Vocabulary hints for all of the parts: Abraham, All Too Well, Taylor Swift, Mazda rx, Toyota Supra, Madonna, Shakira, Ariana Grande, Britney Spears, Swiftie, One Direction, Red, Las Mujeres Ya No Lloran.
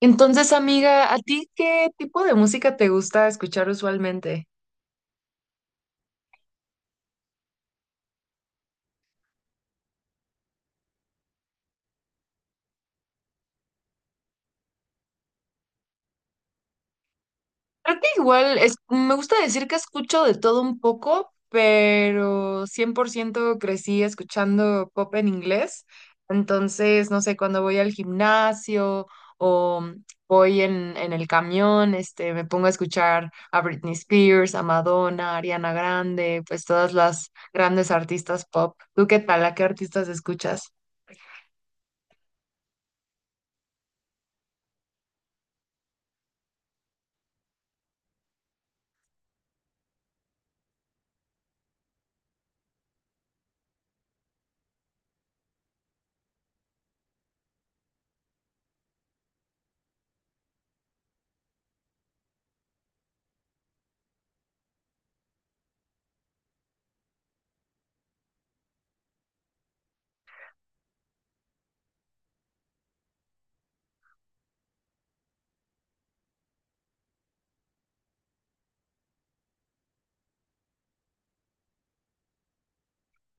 Entonces, amiga, ¿a ti qué tipo de música te gusta escuchar usualmente? Creo que igual me gusta decir que escucho de todo un poco, pero 100% crecí escuchando pop en inglés. Entonces, no sé, cuando voy al gimnasio o voy en el camión, me pongo a escuchar a Britney Spears, a Madonna, a Ariana Grande, pues todas las grandes artistas pop. ¿Tú qué tal? ¿A qué artistas escuchas?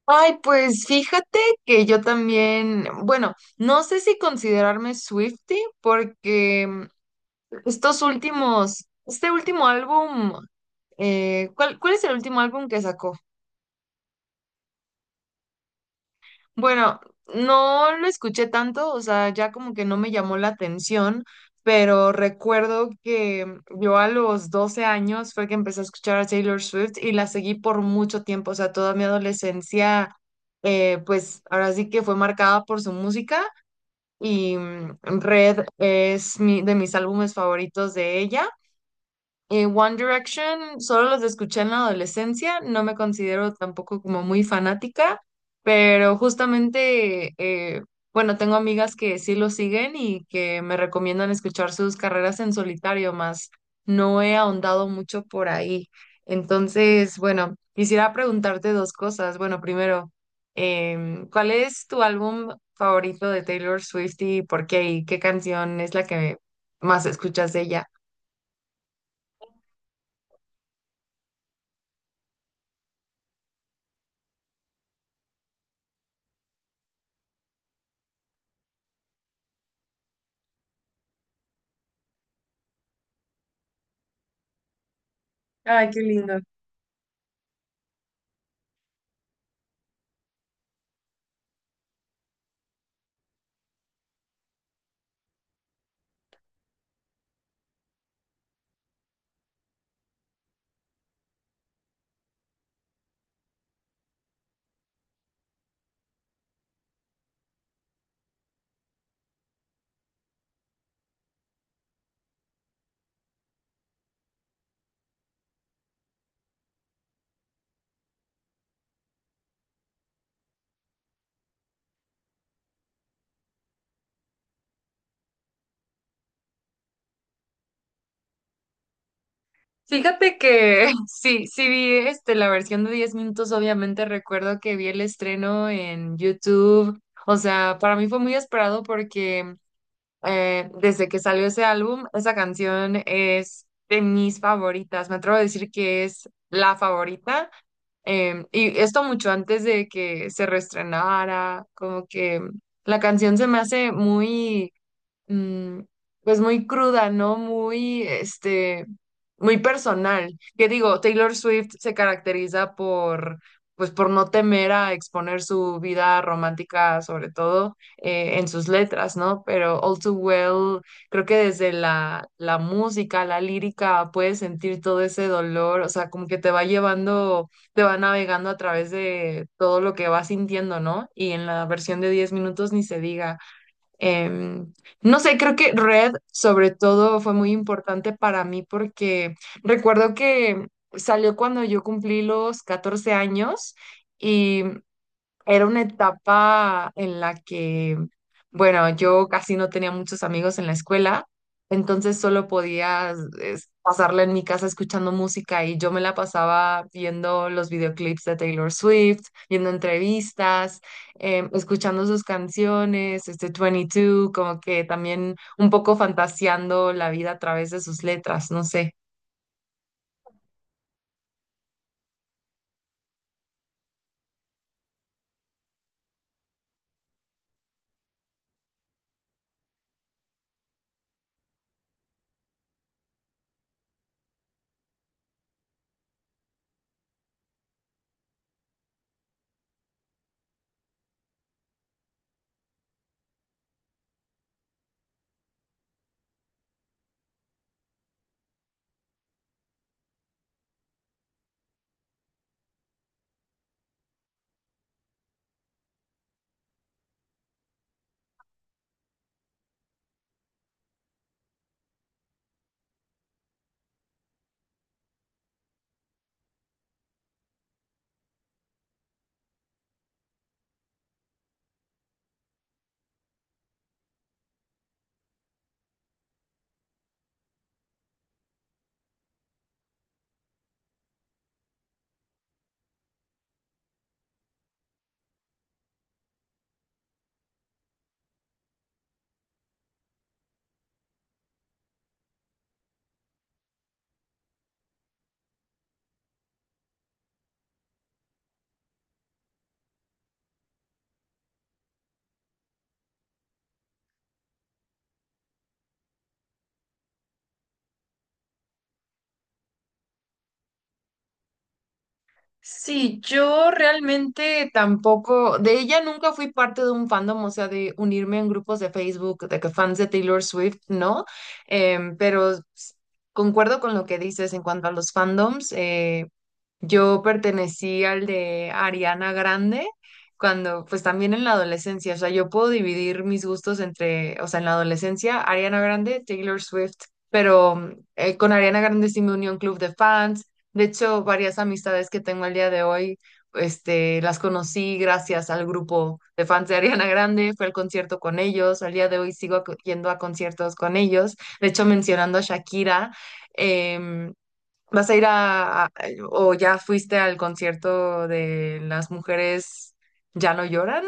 Ay, pues fíjate que yo también, bueno, no sé si considerarme Swiftie porque este último álbum, ¿cuál es el último álbum que sacó? Bueno, no lo escuché tanto, o sea, ya como que no me llamó la atención, pero recuerdo que yo a los 12 años fue que empecé a escuchar a Taylor Swift y la seguí por mucho tiempo, o sea, toda mi adolescencia, pues ahora sí que fue marcada por su música. Y Red es de mis álbumes favoritos de ella. One Direction, solo los escuché en la adolescencia, no me considero tampoco como muy fanática, pero justamente, bueno, tengo amigas que sí lo siguen y que me recomiendan escuchar sus carreras en solitario, más no he ahondado mucho por ahí. Entonces, bueno, quisiera preguntarte dos cosas. Bueno, primero, ¿cuál es tu álbum favorito de Taylor Swift y por qué? ¿Y qué canción es la que más escuchas de ella? Ay, qué lindo. Fíjate que sí, sí vi la versión de 10 minutos. Obviamente recuerdo que vi el estreno en YouTube, o sea, para mí fue muy esperado porque desde que salió ese álbum, esa canción es de mis favoritas, me atrevo a decir que es la favorita, y esto mucho antes de que se reestrenara, como que la canción se me hace muy mm, pues muy cruda, ¿no? Muy, muy personal. Que digo, Taylor Swift se caracteriza pues por no temer a exponer su vida romántica, sobre todo en sus letras, ¿no? Pero All Too Well, creo que desde la música, la lírica, puedes sentir todo ese dolor, o sea, como que te va llevando, te va navegando a través de todo lo que vas sintiendo, ¿no? Y en la versión de 10 minutos ni se diga. Em, no sé, creo que Red sobre todo fue muy importante para mí porque recuerdo que salió cuando yo cumplí los 14 años. Era una etapa en la que, bueno, yo casi no tenía muchos amigos en la escuela, entonces solo podía pasarla en mi casa escuchando música, y yo me la pasaba viendo los videoclips de Taylor Swift, viendo entrevistas, escuchando sus canciones, este 22, como que también un poco fantaseando la vida a través de sus letras, no sé. Sí, yo realmente tampoco, de ella nunca fui parte de un fandom, o sea, de unirme en grupos de Facebook, de que fans de Taylor Swift, ¿no? Pero concuerdo con lo que dices en cuanto a los fandoms. Yo pertenecí al de Ariana Grande cuando, pues también en la adolescencia, o sea, yo puedo dividir mis gustos entre, o sea, en la adolescencia, Ariana Grande, Taylor Swift, pero con Ariana Grande sí me unió un club de fans. De hecho, varias amistades que tengo al día de hoy, las conocí gracias al grupo de fans de Ariana Grande, fue al concierto con ellos, al día de hoy sigo yendo a conciertos con ellos. De hecho, mencionando a Shakira, em, ¿vas a ir o ya fuiste al concierto de Las Mujeres Ya No Lloran?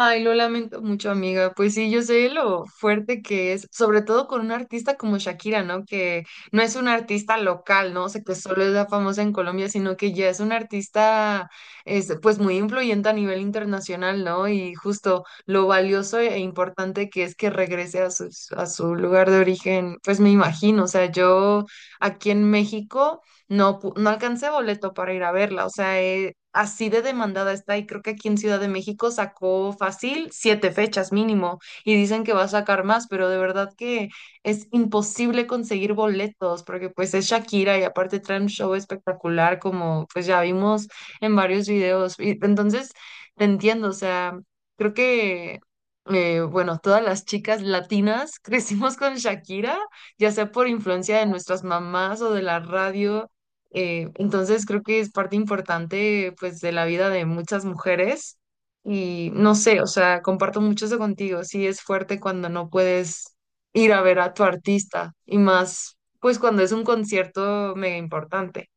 Ay, lo lamento mucho, amiga. Pues sí, yo sé lo fuerte que es, sobre todo con una artista como Shakira, ¿no? Que no es una artista local, ¿no? O sea, que solo es la famosa en Colombia, sino que ya es una artista, es, pues muy influyente a nivel internacional, ¿no? Y justo lo valioso e importante que es que regrese a a su lugar de origen, pues me imagino, o sea, yo aquí en México. No, no alcancé boleto para ir a verla, o sea, así de demandada está, y creo que aquí en Ciudad de México sacó fácil 7 fechas mínimo, y dicen que va a sacar más, pero de verdad que es imposible conseguir boletos porque pues es Shakira y aparte trae un show espectacular como pues ya vimos en varios videos. Y entonces, te entiendo, o sea, creo que, bueno, todas las chicas latinas crecimos con Shakira ya sea por influencia de nuestras mamás o de la radio, entonces creo que es parte importante pues de la vida de muchas mujeres, y no sé, o sea, comparto mucho eso contigo. Sí es fuerte cuando no puedes ir a ver a tu artista, y más pues cuando es un concierto mega importante.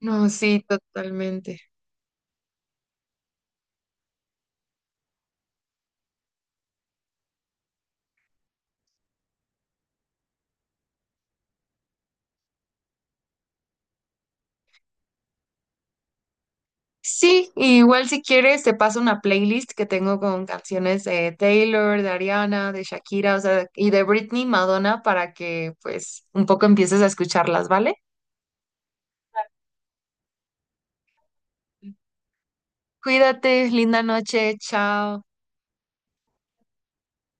No, sí, totalmente. Sí, y igual si quieres te paso una playlist que tengo con canciones de Taylor, de Ariana, de Shakira, o sea, y de Britney, Madonna, para que pues un poco empieces a escucharlas, ¿vale? Cuídate, linda noche, chao.